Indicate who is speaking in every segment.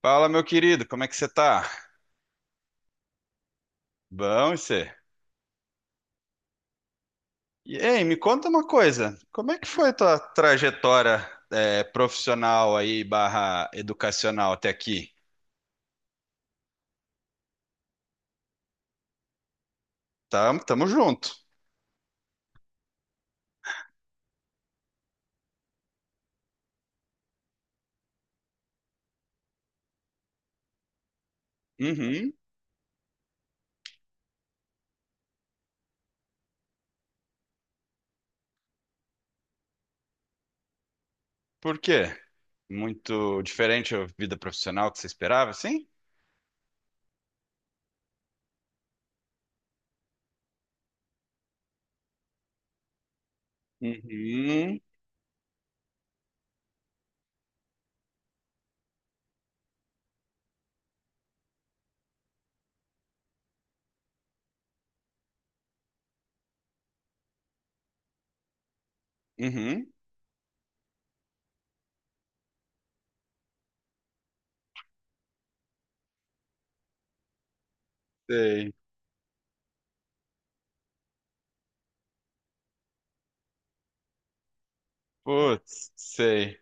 Speaker 1: Fala, meu querido, como é que você tá? Bom, e você? E ei, me conta uma coisa, como é que foi tua trajetória profissional aí, barra educacional até aqui? Tamo, tamo junto. Uhum. Por quê? Muito diferente a vida profissional que você esperava, assim? Uhum. Uhum. Sei. Putz, sei.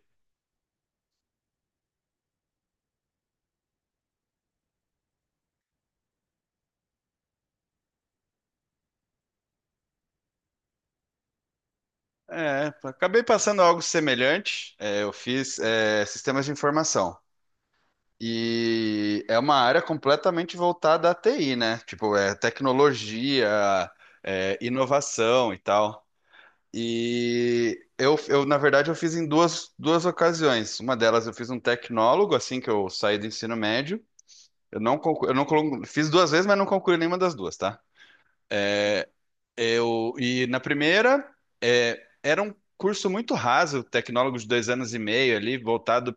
Speaker 1: É, acabei passando algo semelhante. É, eu fiz sistemas de informação. E é uma área completamente voltada à TI, né? Tipo, é tecnologia, é inovação e tal. E eu, na verdade, eu fiz em duas ocasiões. Uma delas eu fiz um tecnólogo, assim que eu saí do ensino médio. Eu não conclu- Fiz duas vezes, mas não concluí nenhuma das duas, tá? É, e na primeira, era um curso muito raso, tecnólogo de 2 anos e meio ali, voltado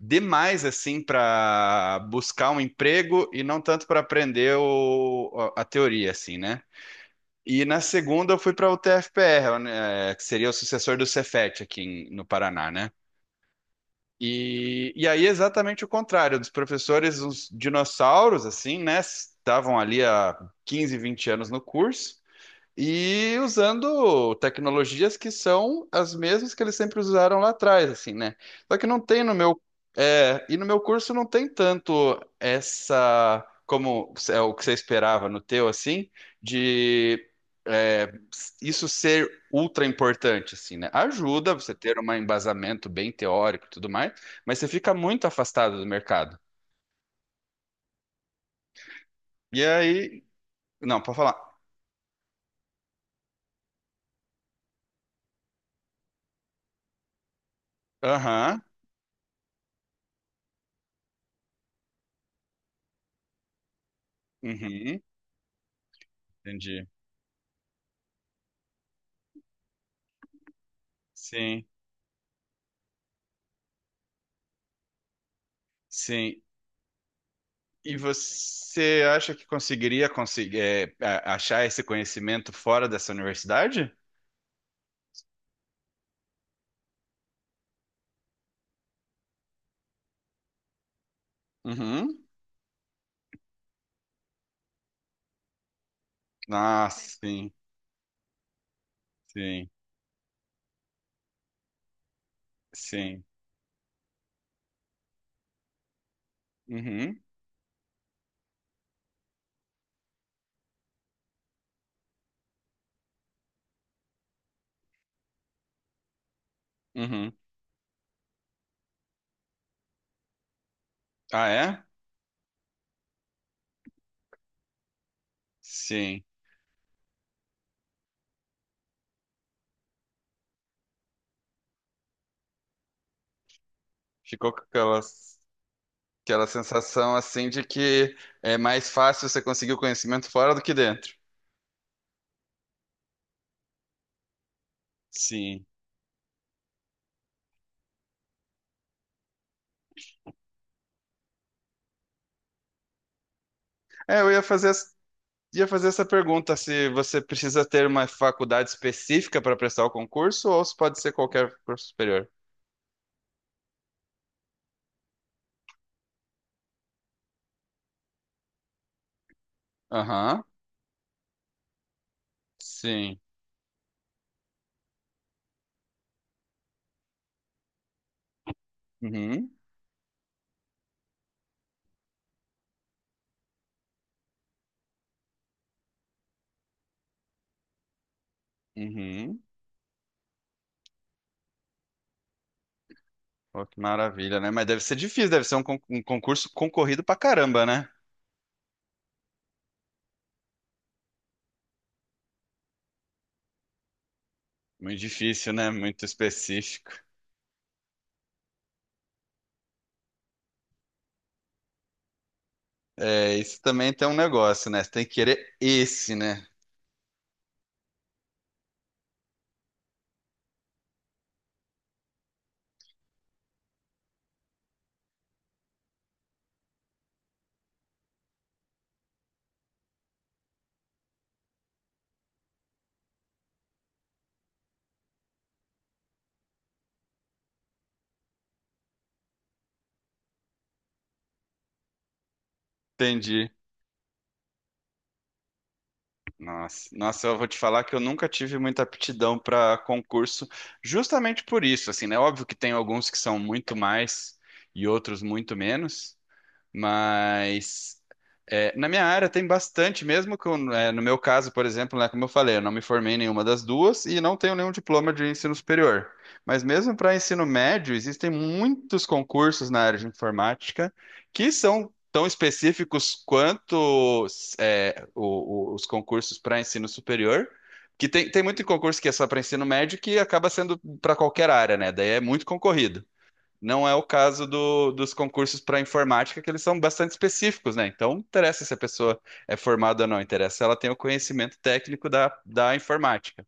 Speaker 1: demais assim para buscar um emprego e não tanto para aprender a teoria assim, né? E na segunda eu fui para o TFPR, né, que seria o sucessor do Cefet aqui no Paraná, né? E aí exatamente o contrário, dos professores, uns dinossauros assim, né? Estavam ali há 15 20 anos no curso. E usando tecnologias que são as mesmas que eles sempre usaram lá atrás, assim, né? Só que não tem no meu, e no meu curso não tem tanto essa, como é o que você esperava no teu, assim, de é, isso ser ultra importante, assim, né? Ajuda você ter um embasamento bem teórico e tudo mais, mas você fica muito afastado do mercado. E aí, não, para falar. Aham, uhum, entendi. Sim, sim. E você acha que conseguiria conseguir, achar esse conhecimento fora dessa universidade? Uhum. Ah, sim, sim, sim. Uhum, uhum. Ah, é? Sim. Ficou com aquela, aquela sensação assim de que é mais fácil você conseguir o conhecimento fora do que dentro. Sim. É, eu ia fazer, as- ia fazer essa pergunta, se você precisa ter uma faculdade específica para prestar o concurso ou se pode ser qualquer curso superior. Aham, sim. Uhum, uhum. Pô, que maravilha, né? Mas deve ser difícil, deve ser um concurso concorrido pra caramba, né? Muito difícil, né? Muito específico. É, isso também tem um negócio, né? Você tem que querer esse, né? Entendi. Nossa, nossa, eu vou te falar que eu nunca tive muita aptidão para concurso, justamente por isso, assim, né? Óbvio que tem alguns que são muito mais e outros muito menos. Mas na minha área tem bastante, mesmo que no meu caso, por exemplo, né, como eu falei, eu não me formei em nenhuma das duas e não tenho nenhum diploma de ensino superior. Mas mesmo para ensino médio, existem muitos concursos na área de informática que são tão específicos quanto os concursos para ensino superior. Que tem muito concurso que é só para ensino médio que acaba sendo para qualquer área, né? Daí é muito concorrido. Não é o caso dos concursos para informática, que eles são bastante específicos, né? Então, não interessa se a pessoa é formada ou não, interessa se ela tem o conhecimento técnico da informática.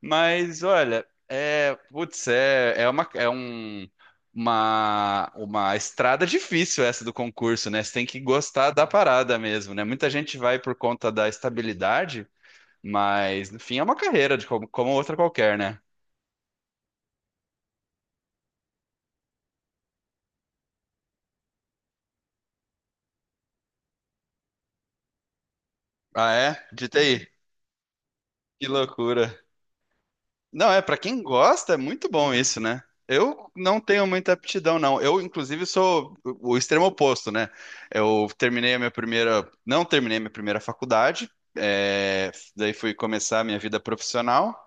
Speaker 1: Mas, olha, putz, é, é uma, é um, uma estrada difícil essa do concurso, né? Você tem que gostar da parada mesmo, né? Muita gente vai por conta da estabilidade, mas, no fim, é uma carreira de como outra qualquer, né? Ah, é? De TI. Que loucura. Não, pra quem gosta, é muito bom isso, né? Eu não tenho muita aptidão, não. Eu, inclusive, sou o extremo oposto, né? Eu terminei a minha primeira. Não terminei a minha primeira faculdade, daí fui começar a minha vida profissional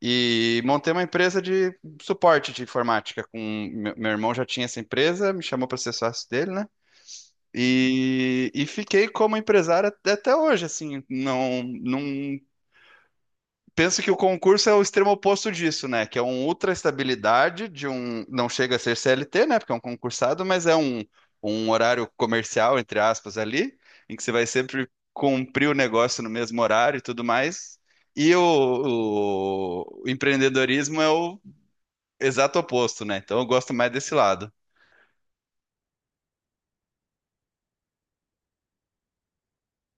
Speaker 1: e montei uma empresa de suporte de informática. Meu irmão já tinha essa empresa, me chamou para ser sócio dele, né? E fiquei como empresário até hoje, assim, não, não. Penso que o concurso é o extremo oposto disso, né? Que é uma ultra estabilidade de um. Não chega a ser CLT, né? Porque é um concursado, mas é um horário comercial, entre aspas, ali, em que você vai sempre cumprir o negócio no mesmo horário e tudo mais. E o empreendedorismo é o exato oposto, né? Então eu gosto mais desse lado.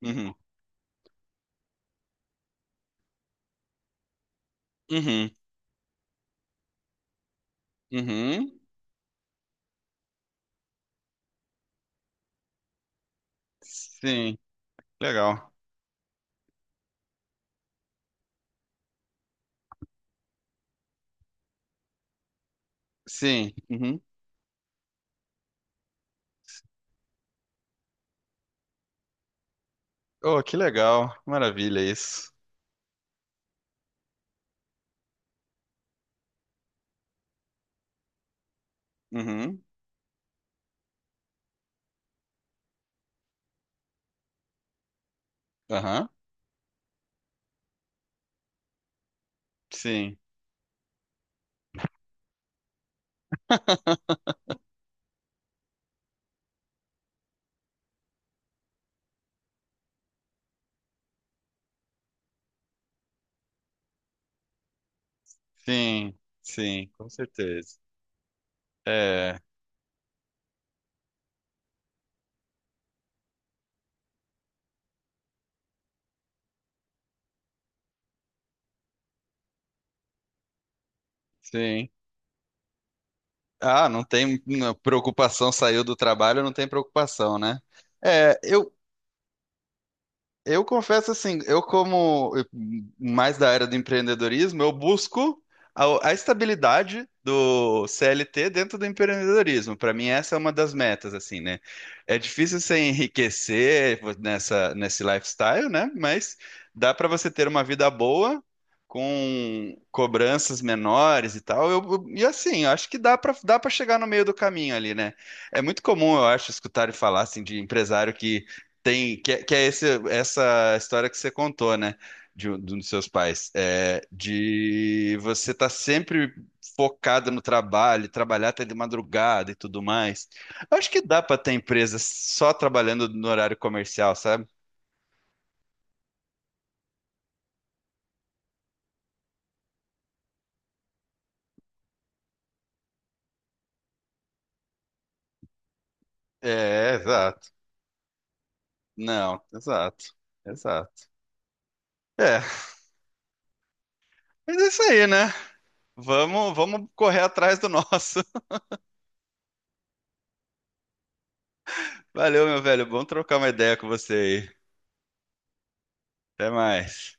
Speaker 1: Uhum. Uhum. Uhum. Sim. Legal. Sim. Uhum. Oh, que legal. Maravilha isso. Uhum. Aham. Sim. Sim, sim, com certeza. É, sim. Ah, não tem não, preocupação, saiu do trabalho, não tem preocupação, né? É, eu, Eu confesso assim, eu como mais da era do empreendedorismo, eu busco a estabilidade do CLT dentro do empreendedorismo. Para mim, essa é uma das metas, assim, né? É difícil você enriquecer nessa, nesse lifestyle, né? Mas dá para você ter uma vida boa com cobranças menores e tal. E assim, eu acho que dá para chegar no meio do caminho ali, né? É muito comum, eu acho, escutar e falar assim de empresário que tem, que é esse, essa história que você contou, né? De um dos seus pais. É, de você estar sempre focado no trabalho, trabalhar até de madrugada e tudo mais. Eu acho que dá para ter empresa só trabalhando no horário comercial, sabe? É, exato. Não, exato. Exato. É, mas é isso aí, né? Vamos, vamos correr atrás do nosso. Valeu, meu velho. Bom trocar uma ideia com você aí. Até mais.